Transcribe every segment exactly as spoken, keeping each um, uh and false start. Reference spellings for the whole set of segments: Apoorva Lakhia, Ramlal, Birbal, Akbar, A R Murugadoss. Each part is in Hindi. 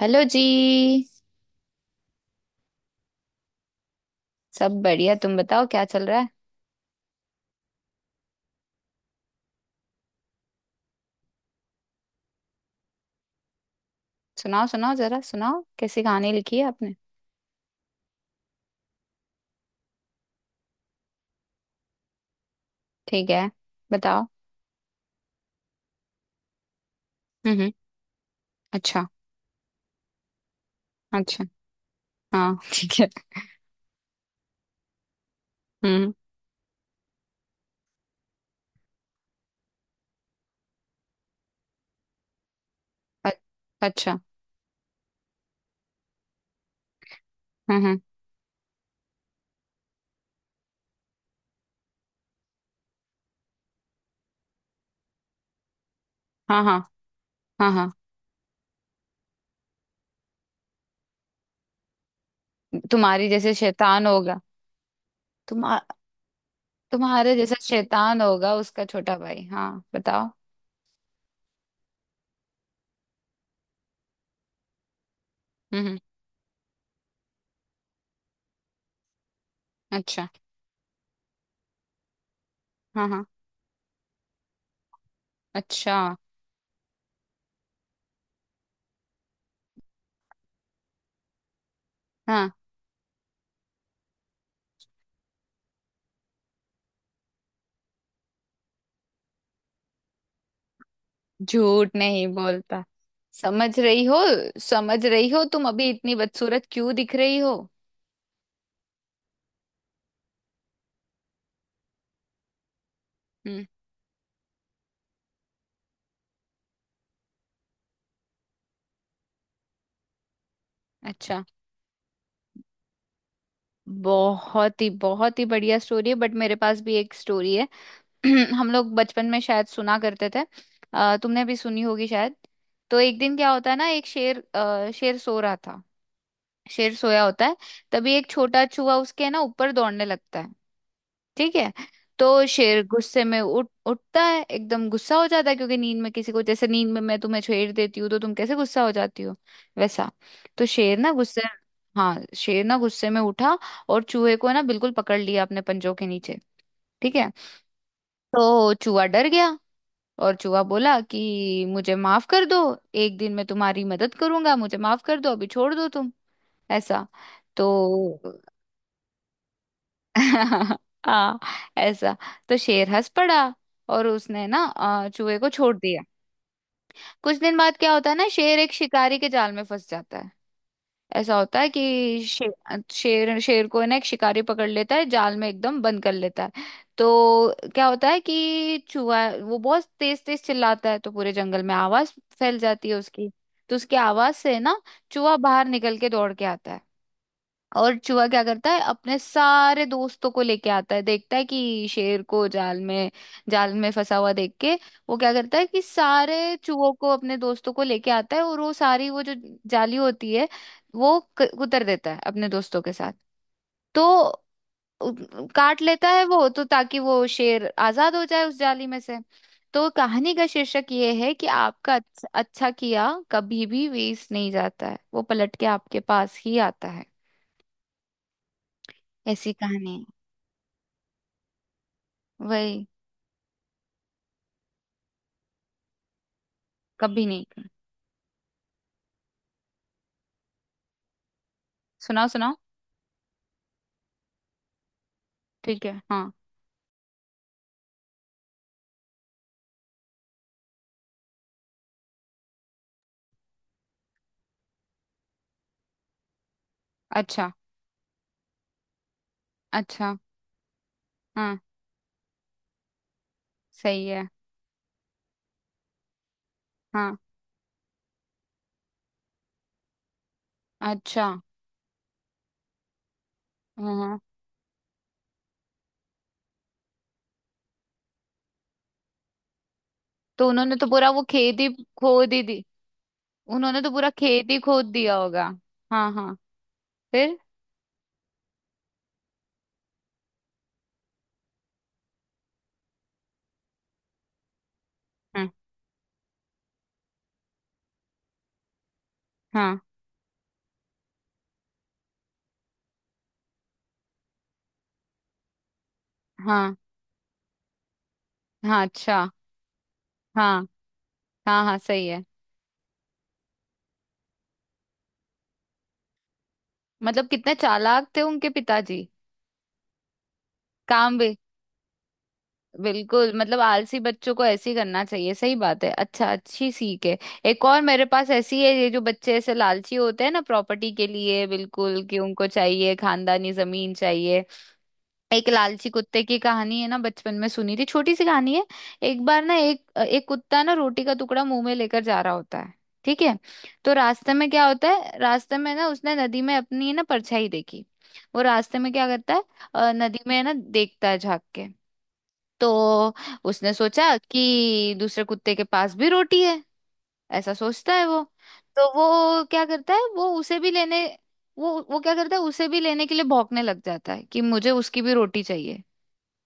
हेलो जी। सब बढ़िया। तुम बताओ क्या चल रहा है? सुनाओ, सुनाओ, जरा सुनाओ कैसी कहानी लिखी है आपने। ठीक है। बताओ। हम्म, हम्म। अच्छा। अच्छा। हाँ। ठीक है। हम्म, हम्म। अ- अच्छा। हम्म, हम्म। हाँ, हाँ। हाँ, हाँ। तुम्हारी जैसे शैतान होगा। तुम तुम्हारे जैसा शैतान होगा उसका छोटा भाई। हाँ, बताओ। हम्म, हम्म। अच्छा। हाँ, हाँ। अच्छा। हाँ। झूठ नहीं बोलता। समझ रही हो? समझ रही हो तुम अभी इतनी बदसूरत क्यों दिख रही हो? हम्म। अच्छा। बहुत ही बहुत ही बढ़िया स्टोरी है, बट मेरे पास भी एक स्टोरी है। हम लोग बचपन में शायद सुना करते थे। अ, तुमने भी सुनी होगी शायद। तो एक दिन क्या होता है ना, एक शेर अ, शेर सो रहा था। शेर सोया होता है। तभी एक छोटा चूहा उसके ना ऊपर दौड़ने लगता है। ठीक है। तो शेर गुस्से में उठ उठता है, एकदम गुस्सा हो जाता है क्योंकि नींद में, किसी को, जैसे नींद में मैं तुम्हें छेड़ देती हूँ तो तुम कैसे गुस्सा हो जाती हो। वैसा। तो शेर ना गुस्से। हाँ, शेर ना गुस्से में उठा। और चूहे को ना बिल्कुल पकड़ लिया अपने पंजों के नीचे। ठीक है। तो चूहा डर गया। और चूहा बोला कि मुझे माफ कर दो। एक दिन मैं तुम्हारी मदद करूंगा, मुझे माफ कर दो, अभी छोड़ दो तुम। ऐसा। तो हाँ। ऐसा। तो शेर हंस पड़ा। और उसने ना अ, चूहे को छोड़ दिया। कुछ दिन बाद क्या होता है ना, शेर एक शिकारी के जाल में फंस जाता है। ऐसा होता है कि शे, शेर, शेर को ना एक शिकारी पकड़ लेता है, जाल में एकदम बंद कर लेता है। तो क्या होता है कि चूहा वो बहुत तेज तेज चिल्लाता है तो पूरे जंगल में आवाज फैल जाती है उसकी। तो उसकी आवाज से ना, चूहा बाहर निकल के दौड़ के आता है। और चूहा क्या करता है, अपने सारे दोस्तों को लेके आता है, देखता है कि शेर को जाल में जाल में फंसा हुआ देख के, वो क्या करता है कि सारे चूहों को, अपने दोस्तों को लेके आता है, और वो सारी, वो जो जाली होती है, वो क- उतर देता है अपने दोस्तों के साथ। तो उ- काट लेता है वो तो, ताकि वो शेर आजाद हो जाए उस जाली में से। तो कहानी का शीर्षक ये है कि आपका अच्छा, अच्छा किया कभी भी वेस्ट नहीं जाता है, वो पलट के आपके पास ही आता है। ऐसी कहानी है। वही। कभी नहीं। सुनाओ, सुनाओ। ठीक है। हाँ। अच्छा। अच्छा। हाँ, सही है। हाँ। अच्छा। हाँ, हाँ। तो उन्होंने तो पूरा वो खेत ही खो दी दी। उन्होंने तो पूरा खेत ही खोद दिया होगा। हाँ, हाँ। फिर। हाँ, हाँ, हाँ, हाँ। अच्छा। हाँ, हाँ, हाँ, सही है। मतलब कितने चालाक थे उनके पिताजी। काम भी। बिल्कुल, मतलब आलसी बच्चों को ऐसे ही करना चाहिए, सही बात है। अच्छा, अच्छी सीख है। एक और मेरे पास ऐसी है, ये जो बच्चे ऐसे लालची होते हैं ना प्रॉपर्टी के लिए, बिल्कुल, कि उनको चाहिए खानदानी जमीन चाहिए। एक लालची कुत्ते की कहानी है ना, बचपन में सुनी थी, छोटी सी कहानी है। एक बार ना एक एक कुत्ता ना रोटी का टुकड़ा मुंह में लेकर जा रहा होता है। ठीक है। तो रास्ते में क्या होता है, रास्ते में ना उसने नदी में अपनी ना परछाई देखी। वो रास्ते में क्या करता है, अ, नदी में है ना, देखता है झांक के। तो उसने सोचा कि दूसरे कुत्ते के पास भी रोटी है। ऐसा सोचता है वो। तो वो क्या करता है, वो उसे भी लेने। वो वो क्या करता है, उसे भी लेने के लिए भौंकने लग जाता है कि मुझे उसकी भी रोटी चाहिए।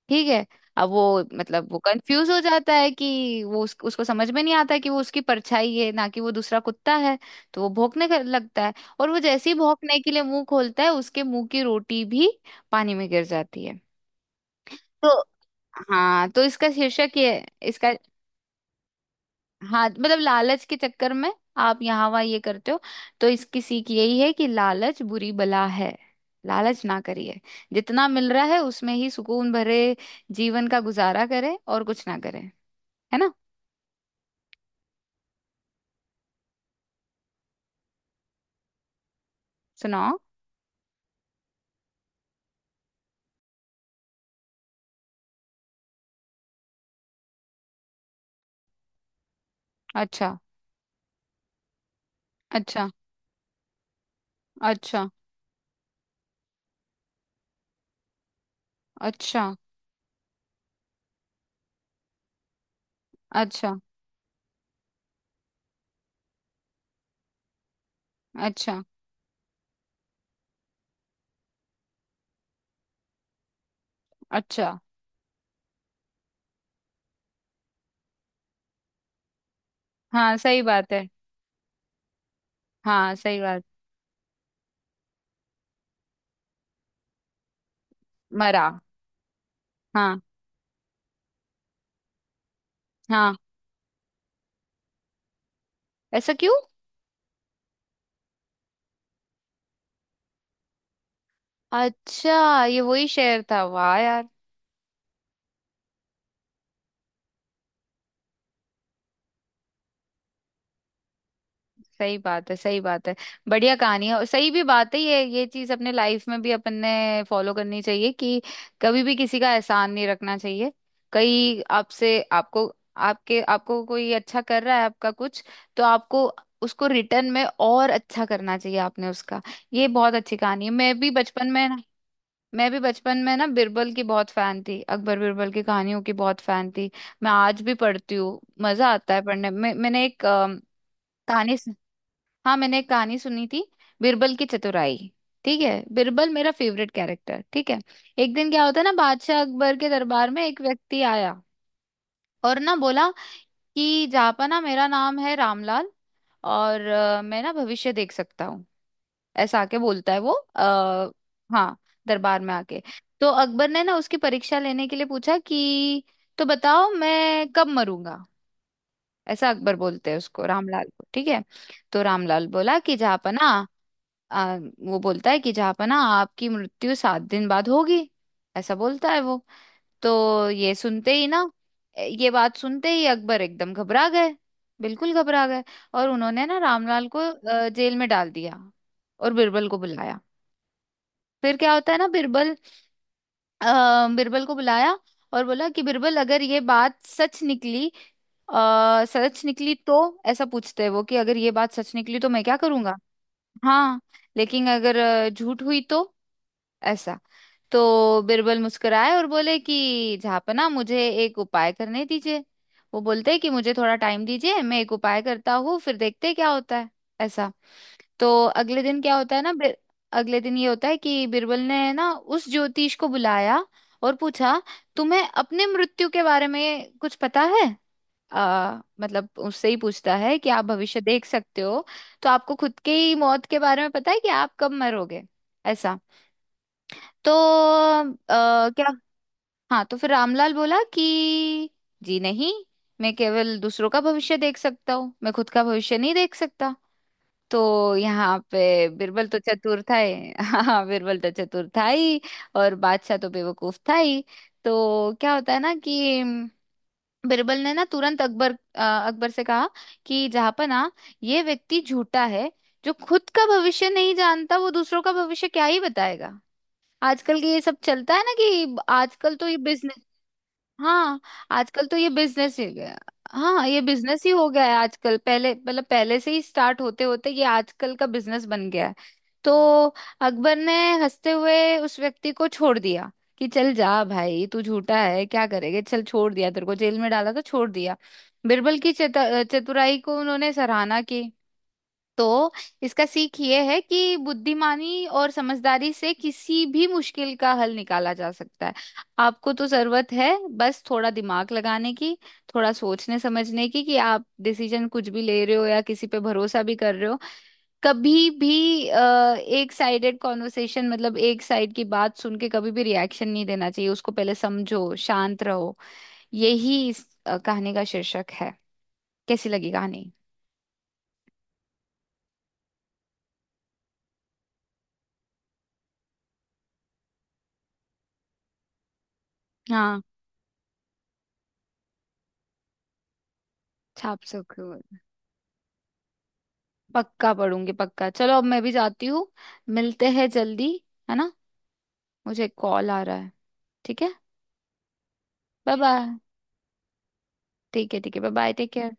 ठीक है। अब वो, मतलब वो कंफ्यूज हो जाता है कि वो उस, उसको समझ में नहीं आता है कि वो उसकी परछाई है ना कि वो दूसरा कुत्ता है। तो वो भौंकने कर- लगता है। और वो जैसे ही भौंकने के लिए मुंह खोलता है, उसके मुंह की रोटी भी पानी में गिर जाती है। तो हाँ, तो इसका शीर्षक ये, इसका, हाँ, मतलब लालच के चक्कर में आप यहाँ वहाँ ये करते हो। तो इसकी सीख यही है कि लालच बुरी बला है। लालच ना करिए। जितना मिल रहा है उसमें ही सुकून भरे जीवन का गुजारा करें, और कुछ ना करें। है ना। सुनाओ। अच्छा। अच्छा। अच्छा। अच्छा। अच्छा। अच्छा। अच्छा। हाँ, सही बात है। हाँ, सही बात। मरा। हाँ। हाँ ऐसा क्यों? अच्छा, ये वही शेर था, वाह यार। सही बात है, सही बात है। बढ़िया कहानी है और सही भी बात है, ये ये चीज अपने लाइफ में भी अपन ने फॉलो करनी चाहिए, कि कभी भी किसी का एहसान नहीं रखना चाहिए। कहीं आपसे, आपको, आपके, आपको कोई अच्छा कर रहा है आपका कुछ, तो आपको उसको रिटर्न में और अच्छा करना चाहिए आपने उसका। ये बहुत अच्छी कहानी है। मैं भी बचपन में ना मैं भी बचपन में ना बिरबल की बहुत फैन थी, अकबर बिरबल की कहानियों की बहुत फैन थी। मैं आज भी पढ़ती हूँ, मजा आता है पढ़ने में। मैंने एक अम, कहानी। हाँ, मैंने एक कहानी सुनी थी, बिरबल की चतुराई। ठीक है। बिरबल मेरा फेवरेट कैरेक्टर। ठीक है। एक दिन क्या होता है ना, बादशाह अकबर के दरबार में एक व्यक्ति आया। और ना बोला कि जापाना, मेरा नाम है रामलाल। और अ, मैं ना भविष्य देख सकता हूँ। ऐसा आके बोलता है वो। आ, हाँ, दरबार में आके। तो अकबर ने ना उसकी परीक्षा लेने के लिए पूछा कि, तो बताओ मैं कब मरूंगा? ऐसा अकबर बोलते हैं उसको, रामलाल को। ठीक है। तो रामलाल बोला कि जापाना, आ, वो बोलता है कि जहापना, आपकी मृत्यु सात दिन बाद होगी। ऐसा बोलता है वो। तो ये सुनते ही ना, ये बात सुनते ही अकबर एकदम घबरा गए। बिल्कुल घबरा गए। और उन्होंने ना रामलाल को अ, जेल में डाल दिया। और बिरबल को बुलाया। फिर क्या होता है ना, बिरबल अ, बिरबल को बुलाया। और बोला कि बिरबल, अगर ये बात सच निकली, अ सच निकली तो। ऐसा पूछते हैं वो, कि अगर ये बात सच निकली तो मैं क्या करूंगा। हाँ। लेकिन अगर अ, झूठ हुई तो। ऐसा। तो बिरबल मुस्कुराए और बोले कि झापना, मुझे एक उपाय करने दीजिए। वो बोलते हैं कि मुझे थोड़ा टाइम दीजिए, मैं एक उपाय करता हूँ, फिर देखते हैं क्या होता है। ऐसा। तो अगले दिन क्या होता है ना, बिर, अगले दिन ये होता है कि बिरबल ने ना उस ज्योतिष को बुलाया। और पूछा, तुम्हें अपने मृत्यु के बारे में कुछ पता है? आ, मतलब उससे ही पूछता है कि आप भविष्य देख सकते हो, तो आपको खुद के ही मौत के बारे में पता है कि आप कब मरोगे? ऐसा। तो आ, क्या। हाँ, तो फिर रामलाल बोला कि जी नहीं, मैं केवल दूसरों का भविष्य देख सकता हूँ, मैं खुद का भविष्य नहीं देख सकता। तो यहाँ पे बिरबल तो चतुर था ही। हाँ, बिरबल तो चतुर था ही। और बादशाह तो बेवकूफ था ही। तो क्या होता है ना, कि बिरबल ने ना तुरंत अकबर अ, अकबर से कहा कि जहाँपनाह, ये व्यक्ति झूठा है। जो खुद का भविष्य नहीं जानता वो दूसरों का भविष्य क्या ही बताएगा। आजकल के ये सब चलता है ना, कि आजकल तो ये बिजनेस। हाँ, आजकल तो ये बिजनेस ही गया। हाँ, ये बिजनेस ही हो गया है आजकल। पहले, मतलब पहले से ही स्टार्ट होते होते, ये आजकल का बिजनेस बन गया है। तो अकबर ने हंसते हुए उस व्यक्ति को छोड़ दिया, कि चल जा भाई, तू झूठा है, क्या करेगा, चल छोड़ दिया, तेरे को जेल में डाला तो छोड़ दिया। बिरबल की चतु- चतुराई को उन्होंने सराहना की। तो इसका सीख ये है कि बुद्धिमानी और समझदारी से किसी भी मुश्किल का हल निकाला जा सकता है। आपको तो जरूरत है बस थोड़ा दिमाग लगाने की, थोड़ा सोचने समझने की, कि आप डिसीजन कुछ भी ले रहे हो या किसी पे भरोसा भी कर रहे हो। कभी भी अ, एक साइडेड कॉन्वर्सेशन, मतलब एक साइड की बात सुन के कभी भी रिएक्शन नहीं देना चाहिए, उसको पहले समझो, शांत रहो। यही इस अ, कहानी का शीर्षक है। कैसी लगी कहानी? हाँ, छाप सको। पक्का पढ़ूंगी, पक्का। चलो, अब मैं भी जाती हूँ। मिलते हैं जल्दी। है ना। मुझे कॉल आ रहा है। ठीक है। Bye, bye. ठीक है, ठीक है। Bye, bye. Take care.